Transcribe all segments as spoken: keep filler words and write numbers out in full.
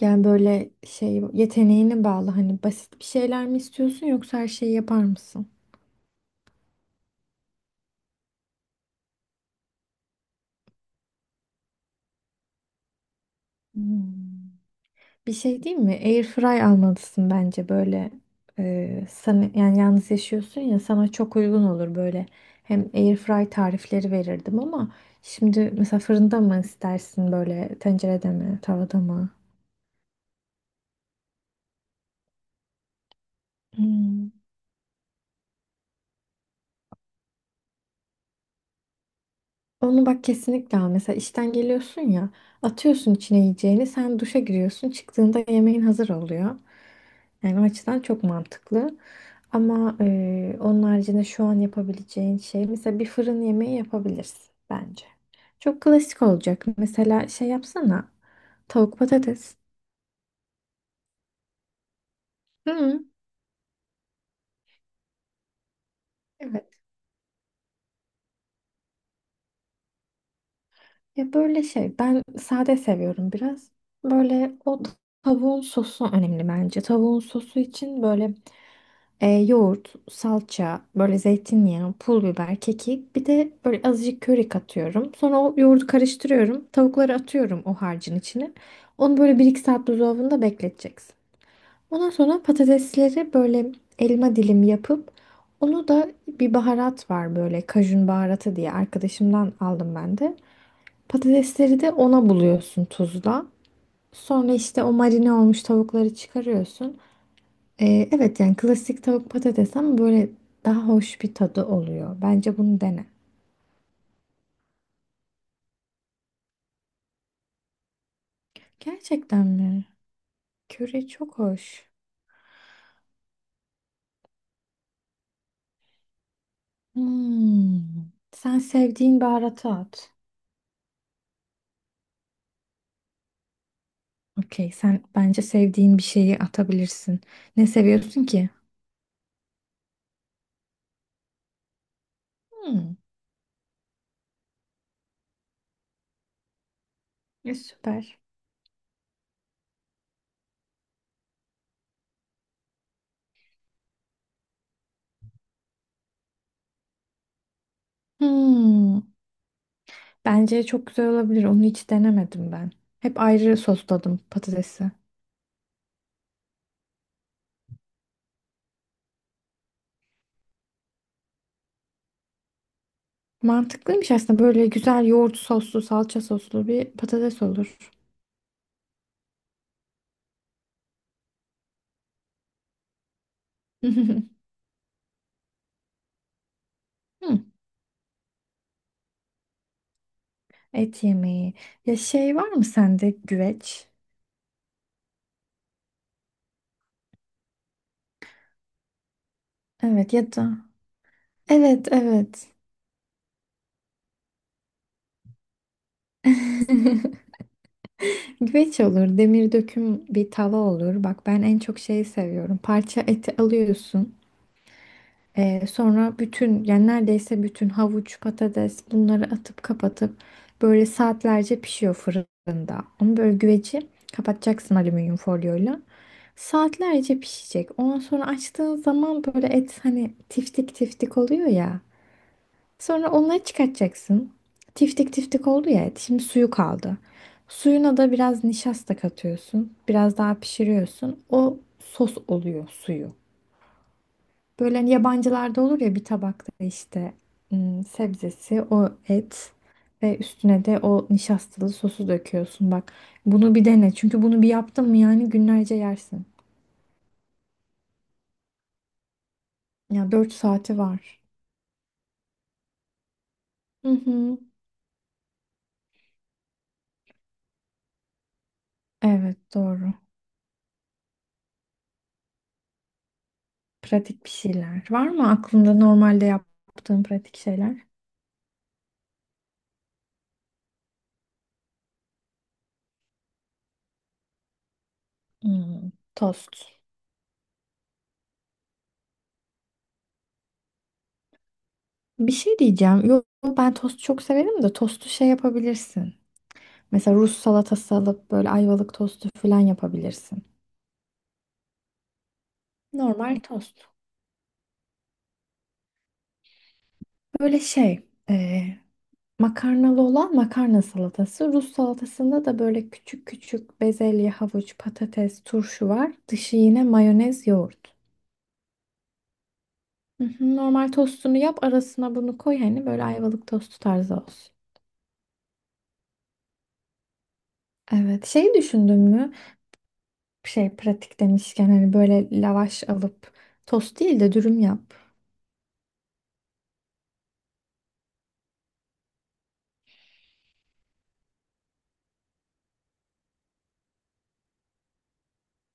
Yani böyle şey yeteneğine bağlı hani basit bir şeyler mi istiyorsun yoksa her şeyi yapar mısın? Hmm. Bir şey değil mi? Airfry almalısın bence böyle e, sana yani yalnız yaşıyorsun ya sana çok uygun olur böyle. Hem airfry tarifleri verirdim ama şimdi mesela fırında mı istersin böyle tencerede mi tavada mı? Hmm. Onu bak kesinlikle al. Mesela işten geliyorsun ya, atıyorsun içine yiyeceğini, sen duşa giriyorsun, çıktığında yemeğin hazır oluyor. Yani o açıdan çok mantıklı. Ama e, onun haricinde şu an yapabileceğin şey, mesela bir fırın yemeği yapabilirsin bence. Çok klasik olacak. Mesela şey yapsana, tavuk patates. Hı, evet. Ya böyle şey, ben sade seviyorum biraz. Böyle o tavuğun sosu önemli bence. Tavuğun sosu için böyle E, yoğurt, salça, böyle zeytinyağı, pul biber, kekik. Bir de böyle azıcık köri katıyorum. Sonra o yoğurdu karıştırıyorum. Tavukları atıyorum o harcın içine. Onu böyle bir iki saat buzdolabında bekleteceksin. Ondan sonra patatesleri böyle elma dilimi yapıp onu da bir baharat var böyle kajun baharatı diye arkadaşımdan aldım ben de. Patatesleri de ona buluyorsun tuzla. Sonra işte o marine olmuş tavukları çıkarıyorsun. Ee, evet yani klasik tavuk patates ama böyle daha hoş bir tadı oluyor. Bence bunu dene. Gerçekten mi? Köri çok hoş. Hmm. Sen sevdiğin baharatı at. Okey, sen bence sevdiğin bir şeyi atabilirsin. Ne seviyorsun ki? Hmm. E, süper. Hmm. Bence çok güzel olabilir. Onu hiç denemedim ben. Hep ayrı sosladım patatesi. Mantıklıymış aslında. Böyle güzel yoğurt soslu, salça soslu bir patates olur. Hmm. Et yemeği. Ya şey var mı sende güveç? Evet ya da evet evet. Güveç olur, demir döküm bir tava olur. Bak ben en çok şeyi seviyorum. Parça eti alıyorsun. Ee, sonra bütün yani neredeyse bütün havuç, patates bunları atıp kapatıp böyle saatlerce pişiyor fırında. Onu böyle güveci kapatacaksın alüminyum folyoyla. Saatlerce pişecek. Ondan sonra açtığın zaman böyle et hani tiftik tiftik oluyor ya. Sonra onları çıkartacaksın. Tiftik tiftik oldu ya et. Şimdi suyu kaldı. Suyuna da biraz nişasta katıyorsun. Biraz daha pişiriyorsun. O sos oluyor suyu. Böyle hani yabancılarda olur ya bir tabakta işte ım, sebzesi, o et ve üstüne de o nişastalı sosu döküyorsun. Bak bunu bir dene. Çünkü bunu bir yaptın mı yani günlerce yersin. Ya dört saati var. Hı hı. Evet doğru. Pratik bir şeyler. Var mı aklında normalde yaptığın pratik şeyler? Hmm, tost. Bir şey diyeceğim. Yok ben tost çok severim de tostu şey yapabilirsin. Mesela Rus salatası alıp böyle ayvalık tostu falan yapabilirsin. Normal tost. Böyle şey e, makarnalı olan makarna salatası. Rus salatasında da böyle küçük küçük bezelye, havuç, patates, turşu var. Dışı yine mayonez, yoğurt. Hı hı. Normal tostunu yap arasına bunu koy hani böyle ayvalık tostu tarzı olsun. Evet, şey düşündün mü? Şey pratik demişken hani böyle lavaş alıp tost değil de dürüm yap.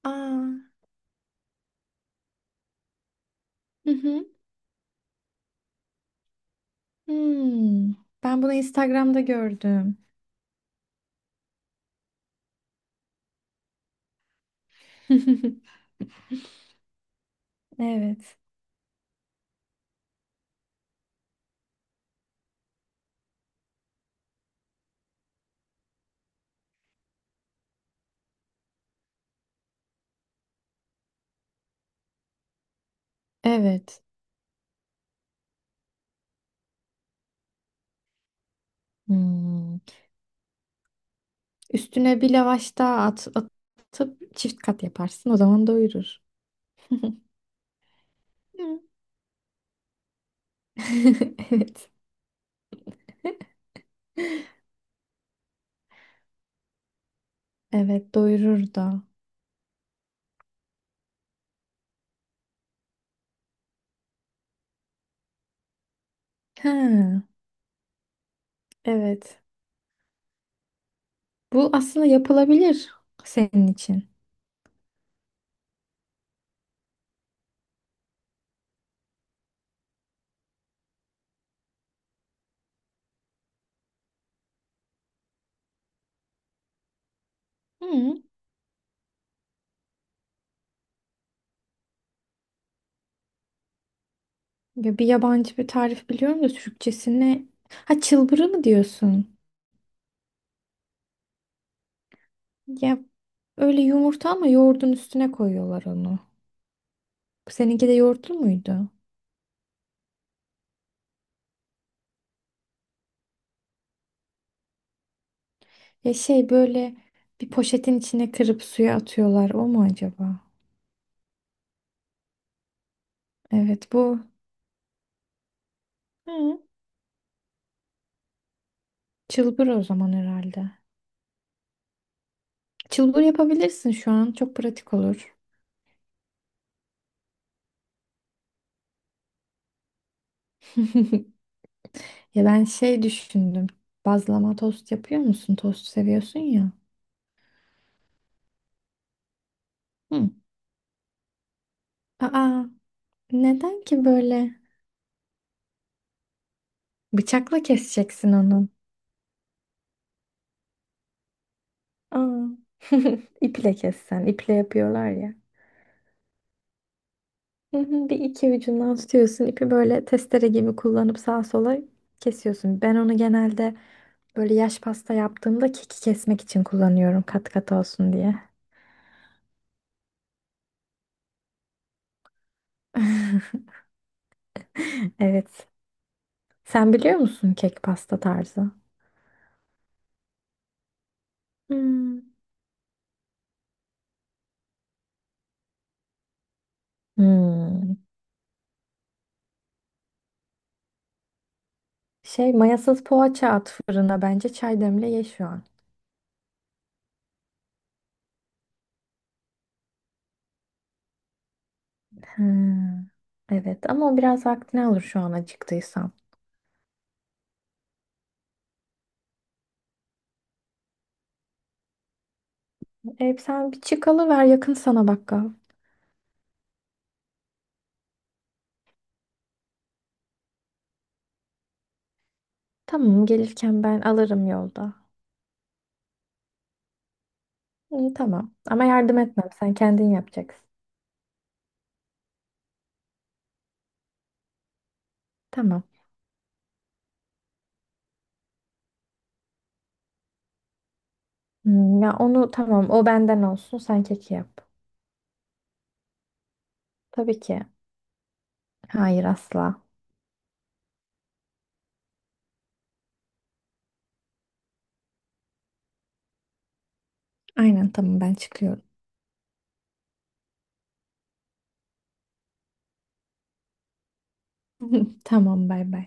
Aa, hı hı. Hmm. Ben bunu Instagram'da gördüm. Evet. Evet. Hmm. Üstüne bir lavaş daha at, atıp çift kat yaparsın. O zaman doyurur. Hı. Evet. Evet, doyurur da. Ha, evet. Bu aslında yapılabilir senin için. Hı. Ya bir yabancı bir tarif biliyorum da Türkçesine. Ha çılbırı mı diyorsun? Ya öyle yumurta ama yoğurdun üstüne koyuyorlar onu. Seninki de yoğurtlu muydu? Ya şey böyle bir poşetin içine kırıp suya atıyorlar o mu acaba? Evet bu. Hı. Çılbır o zaman herhalde. Çılbır yapabilirsin şu an çok pratik olur. Ya ben şey düşündüm. Bazlama tost yapıyor musun? Tost seviyorsun ya. Hı. Aa, neden ki böyle? Bıçakla keseceksin onu. Aa. İple kessen. İple yapıyorlar ya. Hı hı. Bir iki ucundan tutuyorsun. İpi böyle testere gibi kullanıp sağa sola kesiyorsun. Ben onu genelde böyle yaş pasta yaptığımda keki kesmek için kullanıyorum kat kat olsun diye. Evet. Sen biliyor musun kek pasta tarzı? Hmm. Hmm. Şey mayasız poğaça at fırına bence çay demle ye şu an. Hmm. Evet ama o biraz vaktini alır şu an acıktıysan. E, sen bir çık alıver yakın sana bakkal. Tamam gelirken ben alırım yolda. İyi tamam ama yardım etmem sen kendin yapacaksın. Tamam. Hmm, ya onu tamam o benden olsun sen keki yap. Tabii ki. Hayır asla. Aynen tamam ben çıkıyorum. Tamam bay bay.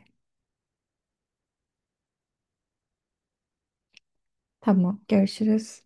Tamam görüşürüz.